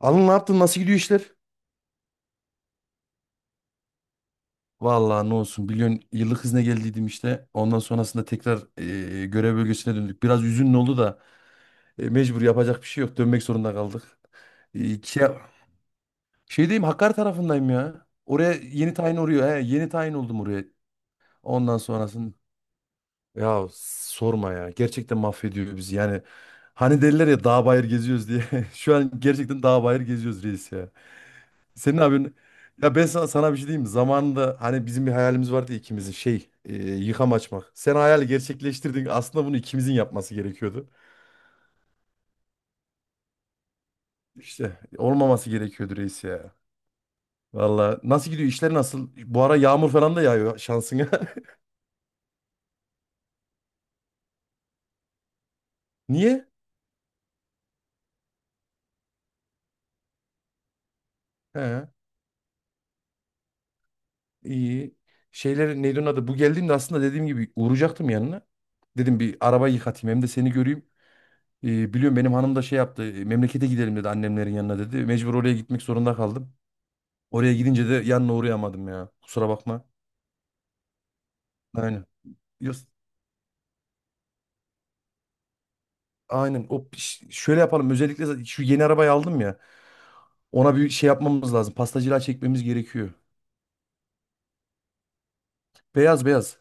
Alın ne yaptın? Nasıl gidiyor işler? Vallahi ne olsun biliyorsun yıllık izne geldiydim işte. Ondan sonrasında tekrar görev bölgesine döndük. Biraz üzünlü oldu da mecbur yapacak bir şey yok. Dönmek zorunda kaldık. Şey, şeydeyim Hakkari tarafındayım ya. Oraya yeni tayin oluyor. He, yeni tayin oldum oraya. Ondan sonrasında ya sorma ya. Gerçekten mahvediyor bizi. Yani hani derler ya dağ bayır geziyoruz diye. Şu an gerçekten dağ bayır geziyoruz reis. Senin abin ya ben sana bir şey diyeyim mi? Zamanında hani bizim bir hayalimiz vardı ya ikimizin şey yıkam açmak. Sen hayali gerçekleştirdin. Aslında bunu ikimizin yapması gerekiyordu. İşte olmaması gerekiyordu reis ya. Valla nasıl gidiyor işler nasıl? Bu ara yağmur falan da yağıyor şansına. Niye? He, iyi. Şeyler neydi onun adı? Bu geldiğimde aslında dediğim gibi uğrayacaktım yanına. Dedim bir araba yıkatayım hem de seni göreyim. Biliyorum benim hanım da şey yaptı. Memlekete gidelim dedi annemlerin yanına dedi. Mecbur oraya gitmek zorunda kaldım. Oraya gidince de yanına uğrayamadım ya. Kusura bakma. Aynen. Yos- Aynen. O şöyle yapalım. Özellikle zaten şu yeni arabayı aldım ya. Ona bir şey yapmamız lazım. Pastacılığa çekmemiz gerekiyor. Beyaz beyaz.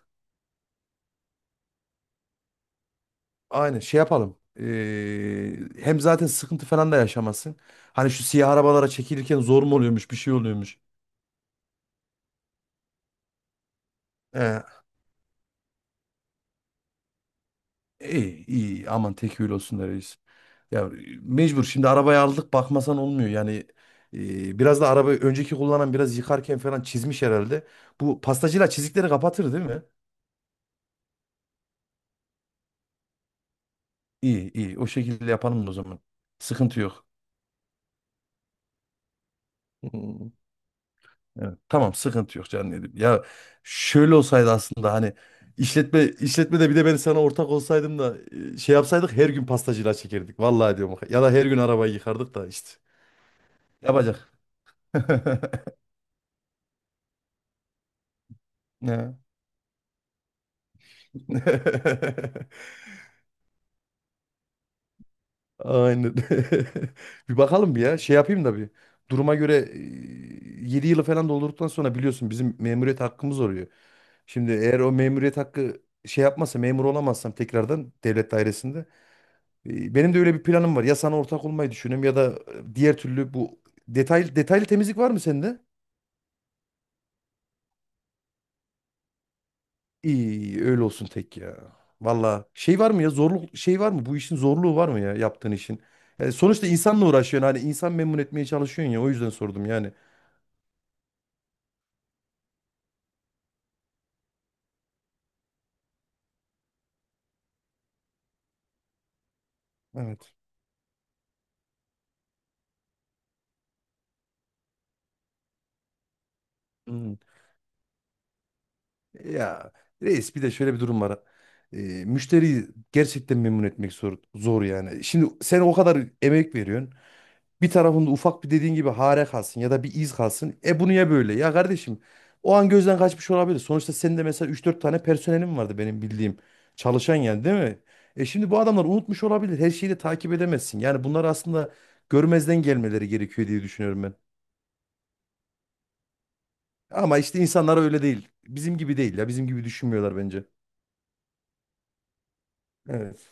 Aynen. Şey yapalım. Hem zaten sıkıntı falan da yaşamazsın. Hani şu siyah arabalara çekilirken zor mu oluyormuş, bir şey oluyormuş. Ee, iyi iyi. Aman tekil olsun da reis. Ya mecbur şimdi arabayı aldık bakmasan olmuyor. Yani biraz da arabayı önceki kullanan biraz yıkarken falan çizmiş herhalde. Bu pastacıyla çizikleri kapatır değil mi? İyi iyi o şekilde yapalım o zaman. Sıkıntı yok. Hmm. Evet, tamam sıkıntı yok canım dedim. Ya şöyle olsaydı aslında hani işletmede bir de ben sana ortak olsaydım da şey yapsaydık her gün pastacıyla çekerdik. Vallahi diyorum. Ya da her gün arabayı yıkardık da işte. Yapacak. Ne? Aynen. Bir bakalım bir ya. Şey yapayım da bir. Duruma göre 7 yılı falan doldurduktan sonra biliyorsun bizim memuriyet hakkımız oluyor. Şimdi eğer o memuriyet hakkı şey yapmazsa memur olamazsam tekrardan devlet dairesinde. Benim de öyle bir planım var. Ya sana ortak olmayı düşünüyorum ya da diğer türlü bu detaylı detaylı temizlik var mı sende? İyi öyle olsun tek ya. Valla şey var mı ya zorluk şey var mı? Bu işin zorluğu var mı ya yaptığın işin? Yani sonuçta insanla uğraşıyorsun hani insan memnun etmeye çalışıyorsun ya o yüzden sordum yani. Evet. Hmm. Ya reis bir de şöyle bir durum var. Ee, Müşteriyi gerçekten memnun etmek zor, zor yani. Şimdi sen o kadar emek veriyorsun. Bir tarafında ufak bir dediğin gibi hare kalsın ya da bir iz kalsın. E bu niye böyle? Ya kardeşim o an gözden kaçmış olabilir. Sonuçta senin de mesela üç dört tane personelin vardı benim bildiğim. Çalışan yani değil mi? E şimdi bu adamlar unutmuş olabilir. Her şeyi de takip edemezsin. Yani bunlar aslında görmezden gelmeleri gerekiyor diye düşünüyorum. Ama işte insanlar öyle değil. Bizim gibi değil ya. Bizim gibi düşünmüyorlar bence. Evet.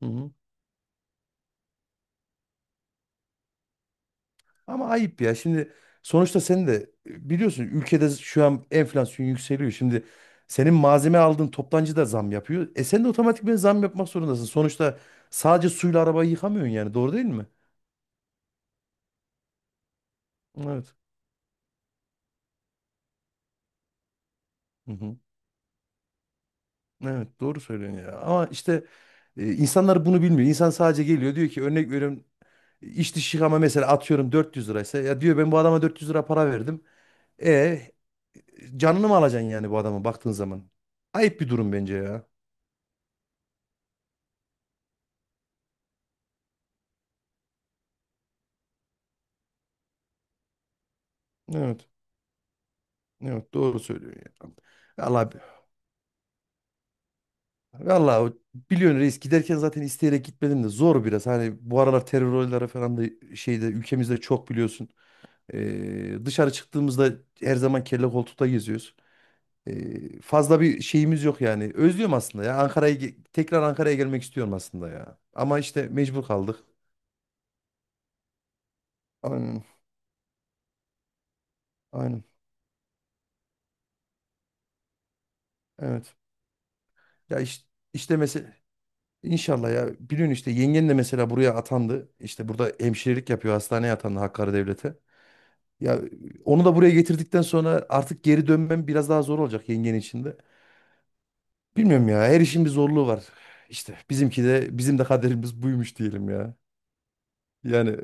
Hı hı. Ama ayıp ya. Şimdi sonuçta sen de biliyorsun ülkede şu an enflasyon yükseliyor. Şimdi senin malzeme aldığın toptancı da zam yapıyor. E sen de otomatikman zam yapmak zorundasın. Sonuçta sadece suyla arabayı yıkamıyorsun yani. Doğru değil mi? Evet. Hı hı. Evet doğru söylüyorsun ya. Ama işte insanlar bunu bilmiyor. İnsan sadece geliyor diyor ki örnek veriyorum iç dış yıkama mesela atıyorum 400 liraysa ya diyor ben bu adama 400 lira para verdim. E canını mı alacaksın yani bu adama baktığın zaman? Ayıp bir durum bence ya. Evet. Evet doğru söylüyorsun ya. Vallahi vallahi biliyorsun reis giderken zaten isteyerek gitmedim de zor biraz. Hani bu aralar terör olayları falan da şeyde ülkemizde çok biliyorsun. Dışarı çıktığımızda her zaman kelle koltukta geziyoruz. Fazla bir şeyimiz yok yani. Özlüyorum aslında ya. Ankara'ya tekrar Ankara'ya gelmek istiyorum aslında ya. Ama işte mecbur kaldık. Aynen. Aynen. Evet. Ya işte mesela İnşallah ya. Biliyorsun işte yengen de mesela buraya atandı. İşte burada hemşirelik yapıyor. Hastaneye atandı Hakkari Devlet'e. Ya onu da buraya getirdikten sonra artık geri dönmem biraz daha zor olacak yengen içinde. De. Bilmiyorum ya. Her işin bir zorluğu var. İşte bizimki de bizim de kaderimiz buymuş diyelim ya. Yani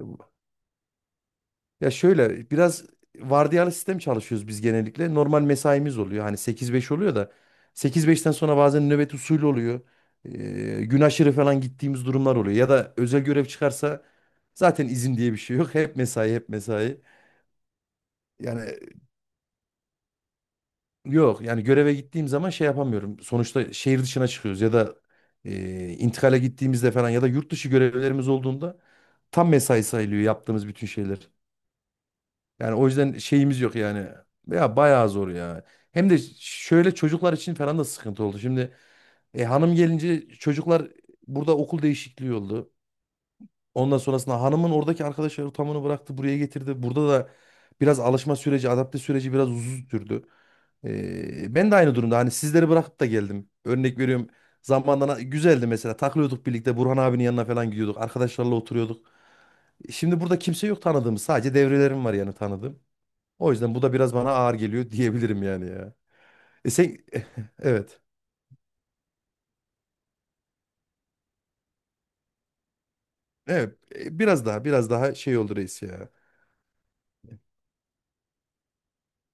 ya şöyle biraz vardiyalı sistem çalışıyoruz biz genellikle. Normal mesaimiz oluyor. Hani sekiz beş oluyor da sekiz beşten sonra bazen nöbet usulü oluyor. Ee, Gün aşırı falan gittiğimiz durumlar oluyor. Ya da özel görev çıkarsa zaten izin diye bir şey yok. Hep mesai, hep mesai. Yani yok yani göreve gittiğim zaman şey yapamıyorum. Sonuçta şehir dışına çıkıyoruz ya da intikale gittiğimizde falan ya da yurt dışı görevlerimiz olduğunda tam mesai sayılıyor yaptığımız bütün şeyler. Yani o yüzden şeyimiz yok yani. Ya bayağı zor ya. Hem de şöyle çocuklar için falan da sıkıntı oldu. Şimdi hanım gelince çocuklar burada okul değişikliği oldu. Ondan sonrasında hanımın oradaki arkadaş ortamını bıraktı, buraya getirdi. Burada da biraz alışma süreci, adapte süreci biraz uzun sürdü. Ben de aynı durumda. Hani sizleri bırakıp da geldim. Örnek veriyorum. Zamanla güzeldi mesela. Takılıyorduk birlikte. Burhan abinin yanına falan gidiyorduk. Arkadaşlarla oturuyorduk. Şimdi burada kimse yok tanıdığımız. Sadece devrelerim var yani tanıdığım. O yüzden bu da biraz bana ağır geliyor diyebilirim yani ya. Sen evet. Evet. Biraz daha biraz daha şey oldu reis ya.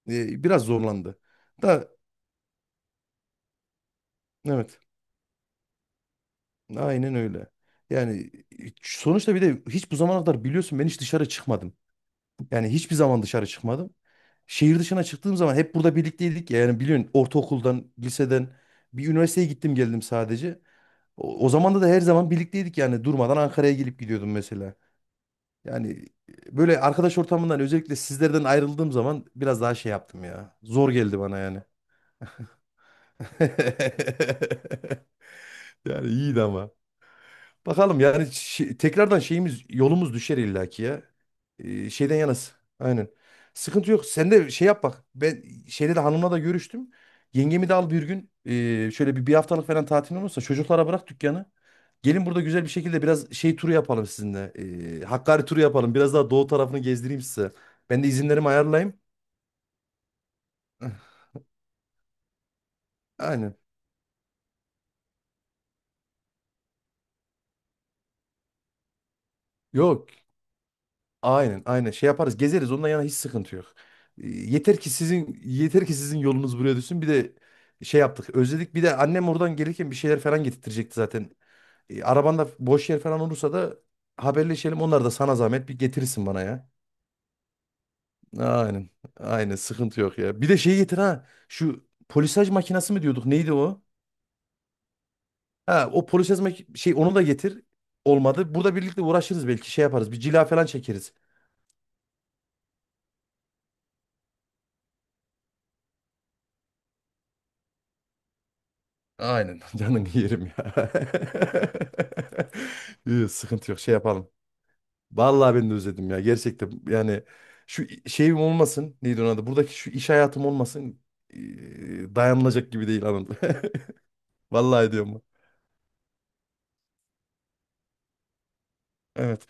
Biraz zorlandı. Da evet. Aynen öyle. Yani sonuçta bir de hiç bu zamana kadar biliyorsun ben hiç dışarı çıkmadım. Yani hiçbir zaman dışarı çıkmadım. Şehir dışına çıktığım zaman hep burada birlikteydik ya. Yani biliyorsun ortaokuldan, liseden bir üniversiteye gittim geldim sadece. O zaman da her zaman birlikteydik yani durmadan Ankara'ya gelip gidiyordum mesela. Yani böyle arkadaş ortamından özellikle sizlerden ayrıldığım zaman biraz daha şey yaptım ya. Zor geldi bana yani. Yani iyiydi ama. Bakalım yani tekrardan şeyimiz yolumuz düşer illaki ya. Şeyden yanasın. Aynen. Sıkıntı yok. Sen de şey yap bak. Ben şeyde de hanımla da görüştüm. Yengemi de al bir gün. Şöyle bir haftalık falan tatil olursa çocuklara bırak dükkanı. Gelin burada güzel bir şekilde biraz şey turu yapalım sizinle. Hakkari turu yapalım. Biraz daha doğu tarafını gezdireyim size. Ben de izinlerimi ayarlayayım. Aynen. Yok. Aynen aynen şey yaparız gezeriz ondan yana hiç sıkıntı yok. Yeter ki sizin yolunuz buraya düşsün bir de şey yaptık özledik bir de annem oradan gelirken bir şeyler falan getirtecekti zaten. Arabanda boş yer falan olursa da haberleşelim onlar da sana zahmet bir getirirsin bana ya. Aynen aynen sıkıntı yok ya. Bir de şey getir ha şu polisaj makinesi mi diyorduk neydi o? Ha o polisaj şey onu da getir olmadı burada birlikte uğraşırız belki şey yaparız bir cila falan çekeriz. Aynen canın yerim ya. Yok, sıkıntı yok şey yapalım. Vallahi ben de özledim ya gerçekten yani şu şeyim olmasın neydi onun adı buradaki şu iş hayatım olmasın dayanılacak gibi değil hanım. Vallahi diyorum. Evet.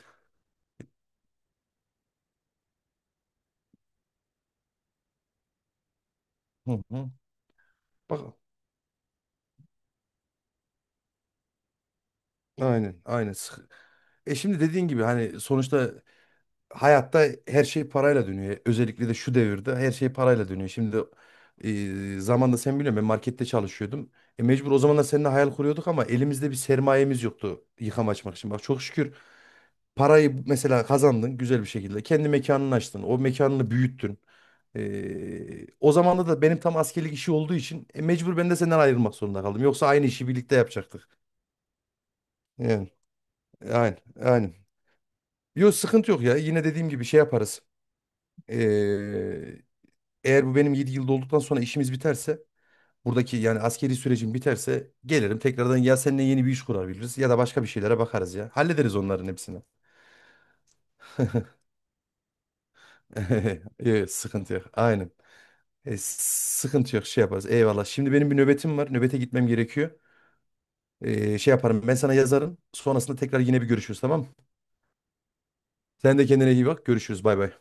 Hı hı. Bak aynen aynen. Şimdi dediğin gibi hani sonuçta hayatta her şey parayla dönüyor. Özellikle de şu devirde her şey parayla dönüyor. Şimdi zamanında sen biliyorsun ben markette çalışıyordum. Mecbur o zamanlar seninle hayal kuruyorduk ama elimizde bir sermayemiz yoktu yıkama açmak için. Bak çok şükür parayı mesela kazandın güzel bir şekilde. Kendi mekanını açtın. O mekanını büyüttün. O zamanda da benim tam askerlik işi olduğu için mecbur ben de senden ayrılmak zorunda kaldım. Yoksa aynı işi birlikte yapacaktık. Yani, aynen, aynen. Yok sıkıntı yok ya. Yine dediğim gibi şey yaparız. Ee, Eğer bu benim 7 yılda olduktan sonra işimiz biterse buradaki yani askeri sürecim biterse gelirim tekrardan ya seninle yeni bir iş kurabiliriz ya da başka bir şeylere bakarız ya. Hallederiz onların hepsini. Evet, sıkıntı yok. Aynen. Sıkıntı yok şey yaparız. Eyvallah. Şimdi benim bir nöbetim var. Nöbete gitmem gerekiyor. Şey yaparım ben sana yazarım. Sonrasında tekrar yine bir görüşürüz tamam mı? Sen de kendine iyi bak. Görüşürüz. Bay bay.